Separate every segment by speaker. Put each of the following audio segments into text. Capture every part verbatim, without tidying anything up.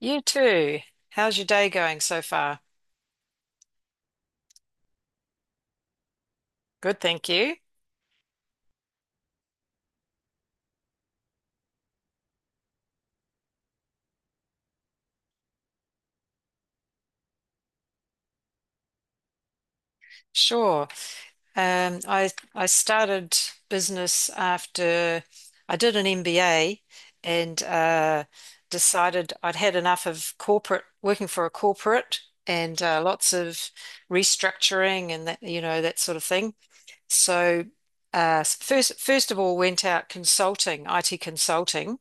Speaker 1: You too. How's your day going so far? Good, thank you. Sure. Um, I I started business after I did an M B A and uh, decided I'd had enough of corporate working for a corporate and uh, lots of restructuring and that you know that sort of thing. So uh, first first of all went out consulting, I T consulting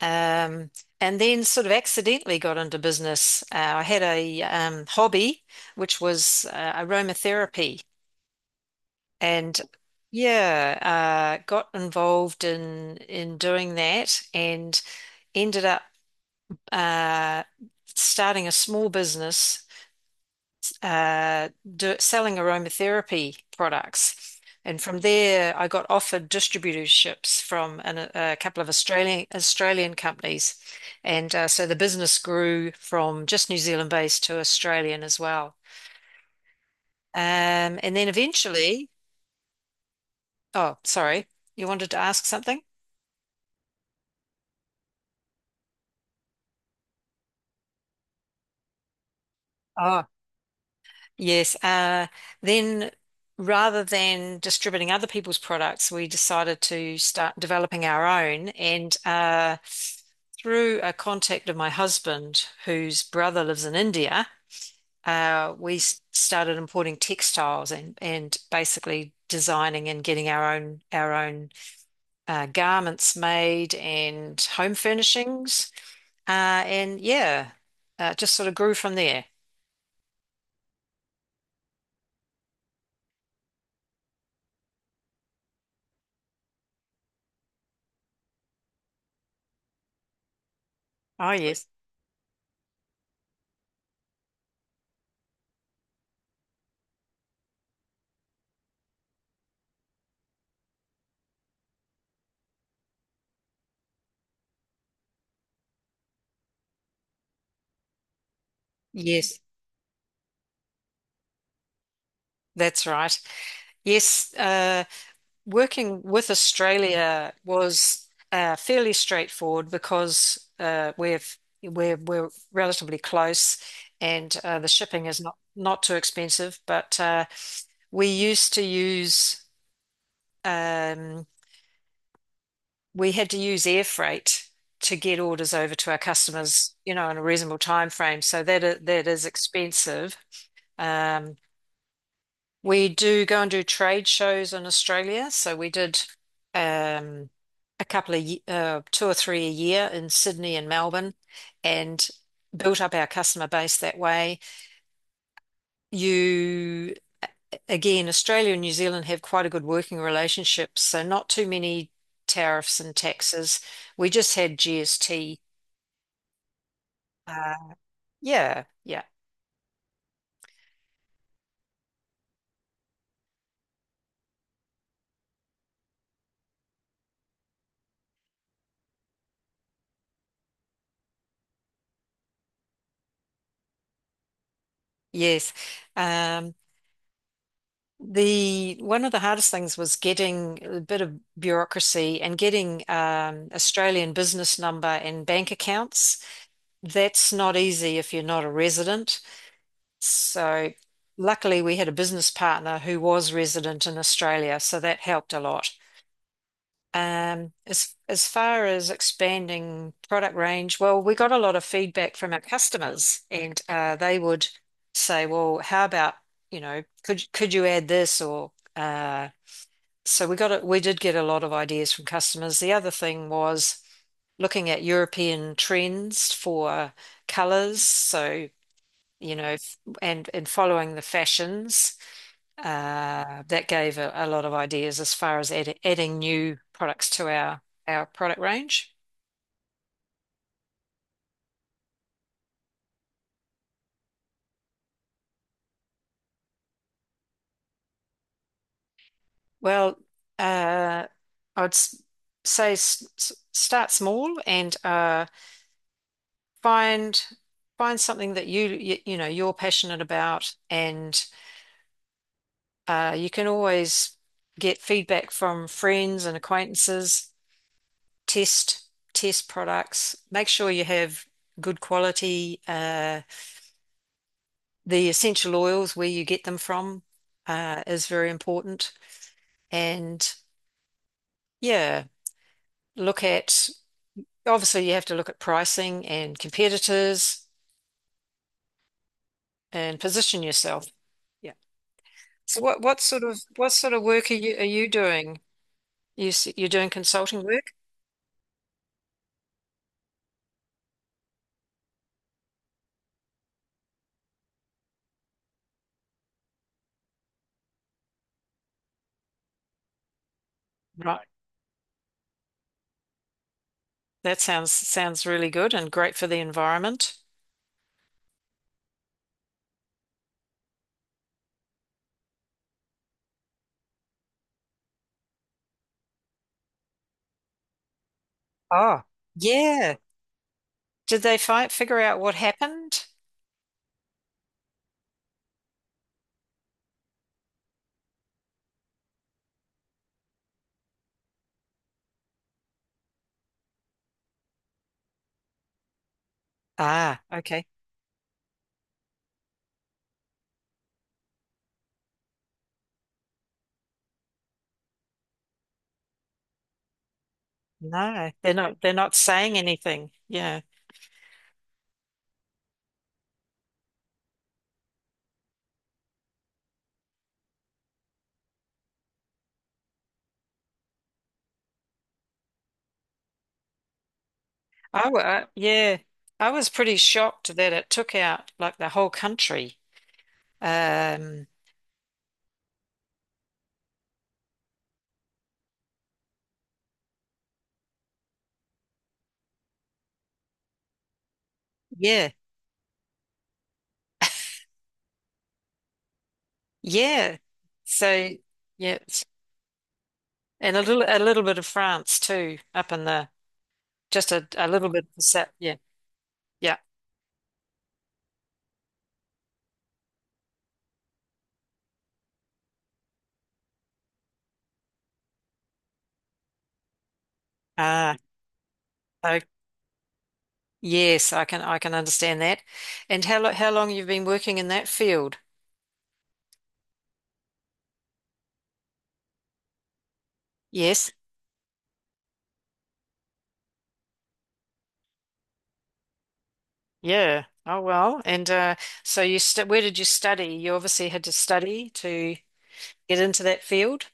Speaker 1: Um, and then sort of accidentally got into business. Uh, I had a um, hobby, which was uh, aromatherapy, and yeah, uh, got involved in in doing that, and ended up uh, starting a small business uh, do, selling aromatherapy products. And from there, I got offered distributorships from an, a couple of Australian Australian companies, and uh, so the business grew from just New Zealand based to Australian as well. Um, and then eventually, oh, sorry, you wanted to ask something? Oh. Yes. Uh, then rather than distributing other people's products, we decided to start developing our own. And uh, through a contact of my husband, whose brother lives in India, uh, we s- started importing textiles and, and basically designing and getting our own our own uh, garments made and home furnishings. Uh, and yeah, uh, just sort of grew from there. Oh, yes. Yes, that's right. Yes, uh, working with Australia was uh, fairly straightforward because uh, we're we're we're relatively close, and uh, the shipping is not not too expensive. But uh, we used to use um, we had to use air freight to get orders over to our customers, you know, in a reasonable time frame. So that i- that is expensive. Um, We do go and do trade shows in Australia. So we did um, a couple of, ye- uh, two or three a year in Sydney and Melbourne and built up our customer base that way. You, again, Australia and New Zealand have quite a good working relationship. So not too many tariffs and taxes. We just had G S T. Uh, yeah, yeah, yes. Um, The one of the hardest things was getting a bit of bureaucracy and getting um, Australian business number and bank accounts. That's not easy if you're not a resident. So luckily we had a business partner who was resident in Australia, so that helped a lot. Um, as as far as expanding product range, well, we got a lot of feedback from our customers, and uh, they would say, "Well, how about you know, could could you add this or?" Uh, so we got a, we did get a lot of ideas from customers. The other thing was looking at European trends for colors. So, you know, f- and and following the fashions. Uh, that gave a, a lot of ideas as far as add, adding new products to our our product range. Well, uh, I'd s- say s s- start small and uh, find find something that you, you you know you're passionate about and Uh, you can always get feedback from friends and acquaintances, test test products, make sure you have good quality. Uh, the essential oils, where you get them from, uh, is very important. And yeah, look at obviously you have to look at pricing and competitors and position yourself. Yeah. So what what sort of what sort of work are you are you doing? You s- you're doing consulting work? Right. That sounds sounds really good and great for the environment. Oh, yeah. Did they find figure out what happened? Ah, okay. No, they're not they're not saying anything. Yeah. I, wa- yeah. I was pretty shocked that it took out like the whole country. Um, yeah. Yeah. So yeah, it's- and a little a little bit of France too up in the just a, a little bit of the set. Yeah. Yeah. Ah, yes, I can I can understand that. And how lo- how long you've been working in that field? Yes. Yeah. Oh well. And uh, so you st where did you study? You obviously had to study to get into that field.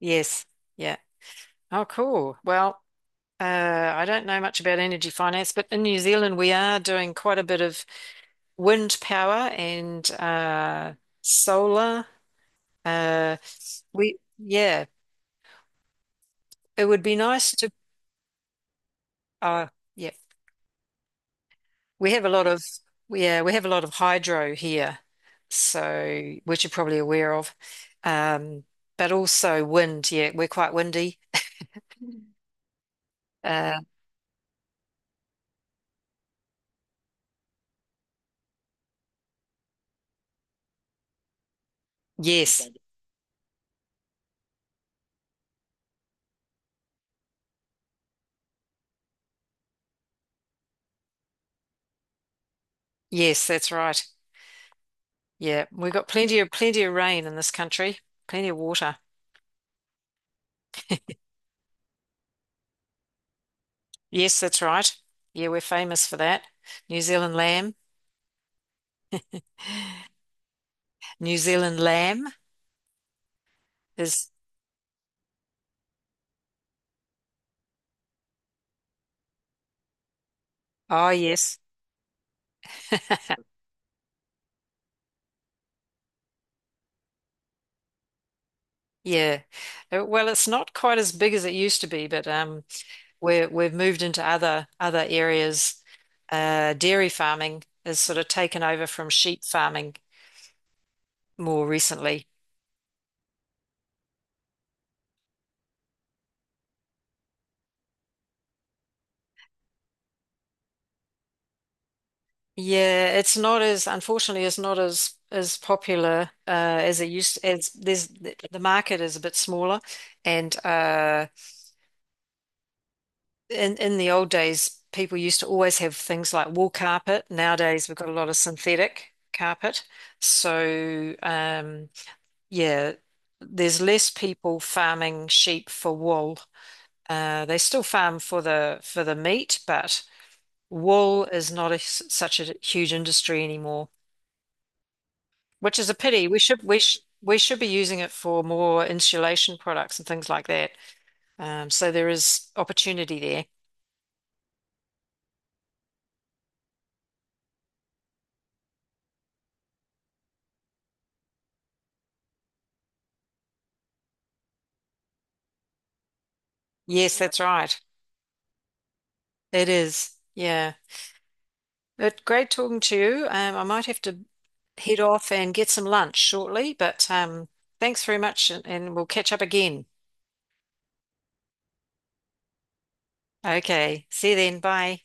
Speaker 1: Yes. Yeah. Oh, cool. Well, uh, I don't know much about energy finance, but in New Zealand we are doing quite a bit of wind power and uh, solar. Uh, we Yeah, it would be nice to. Uh, yeah. We have a lot of yeah, we have a lot of hydro here, so which you're probably aware of. Um, but also wind, yeah, we're quite windy. Uh, yes, yes, that's right. Yeah, we've got plenty of plenty of rain in this country, plenty of water. Yes, that's right. Yeah, we're famous for that. New Zealand lamb. New Zealand lamb is oh yes. Yeah. Uh, well, it's not quite as big as it used to be, but um we're, we've moved into other other areas. Uh, dairy farming has sort of taken over from sheep farming more recently. Yeah, it's not as unfortunately it's not as as popular uh, as it used as there's the market is a bit smaller, and uh, in in the old days people used to always have things like wool carpet. Nowadays we've got a lot of synthetic carpet, so um, yeah, there's less people farming sheep for wool. Uh, they still farm for the for the meat, but wool is not a, s- such a huge industry anymore, which is a pity. We should we sh we should be using it for more insulation products and things like that. Um, so there is opportunity there. Yes, that's right. It is. Yeah. But great talking to you. Um, I might have to head off and get some lunch shortly, but um, thanks very much, and, and we'll catch up again. Okay. See you then. Bye.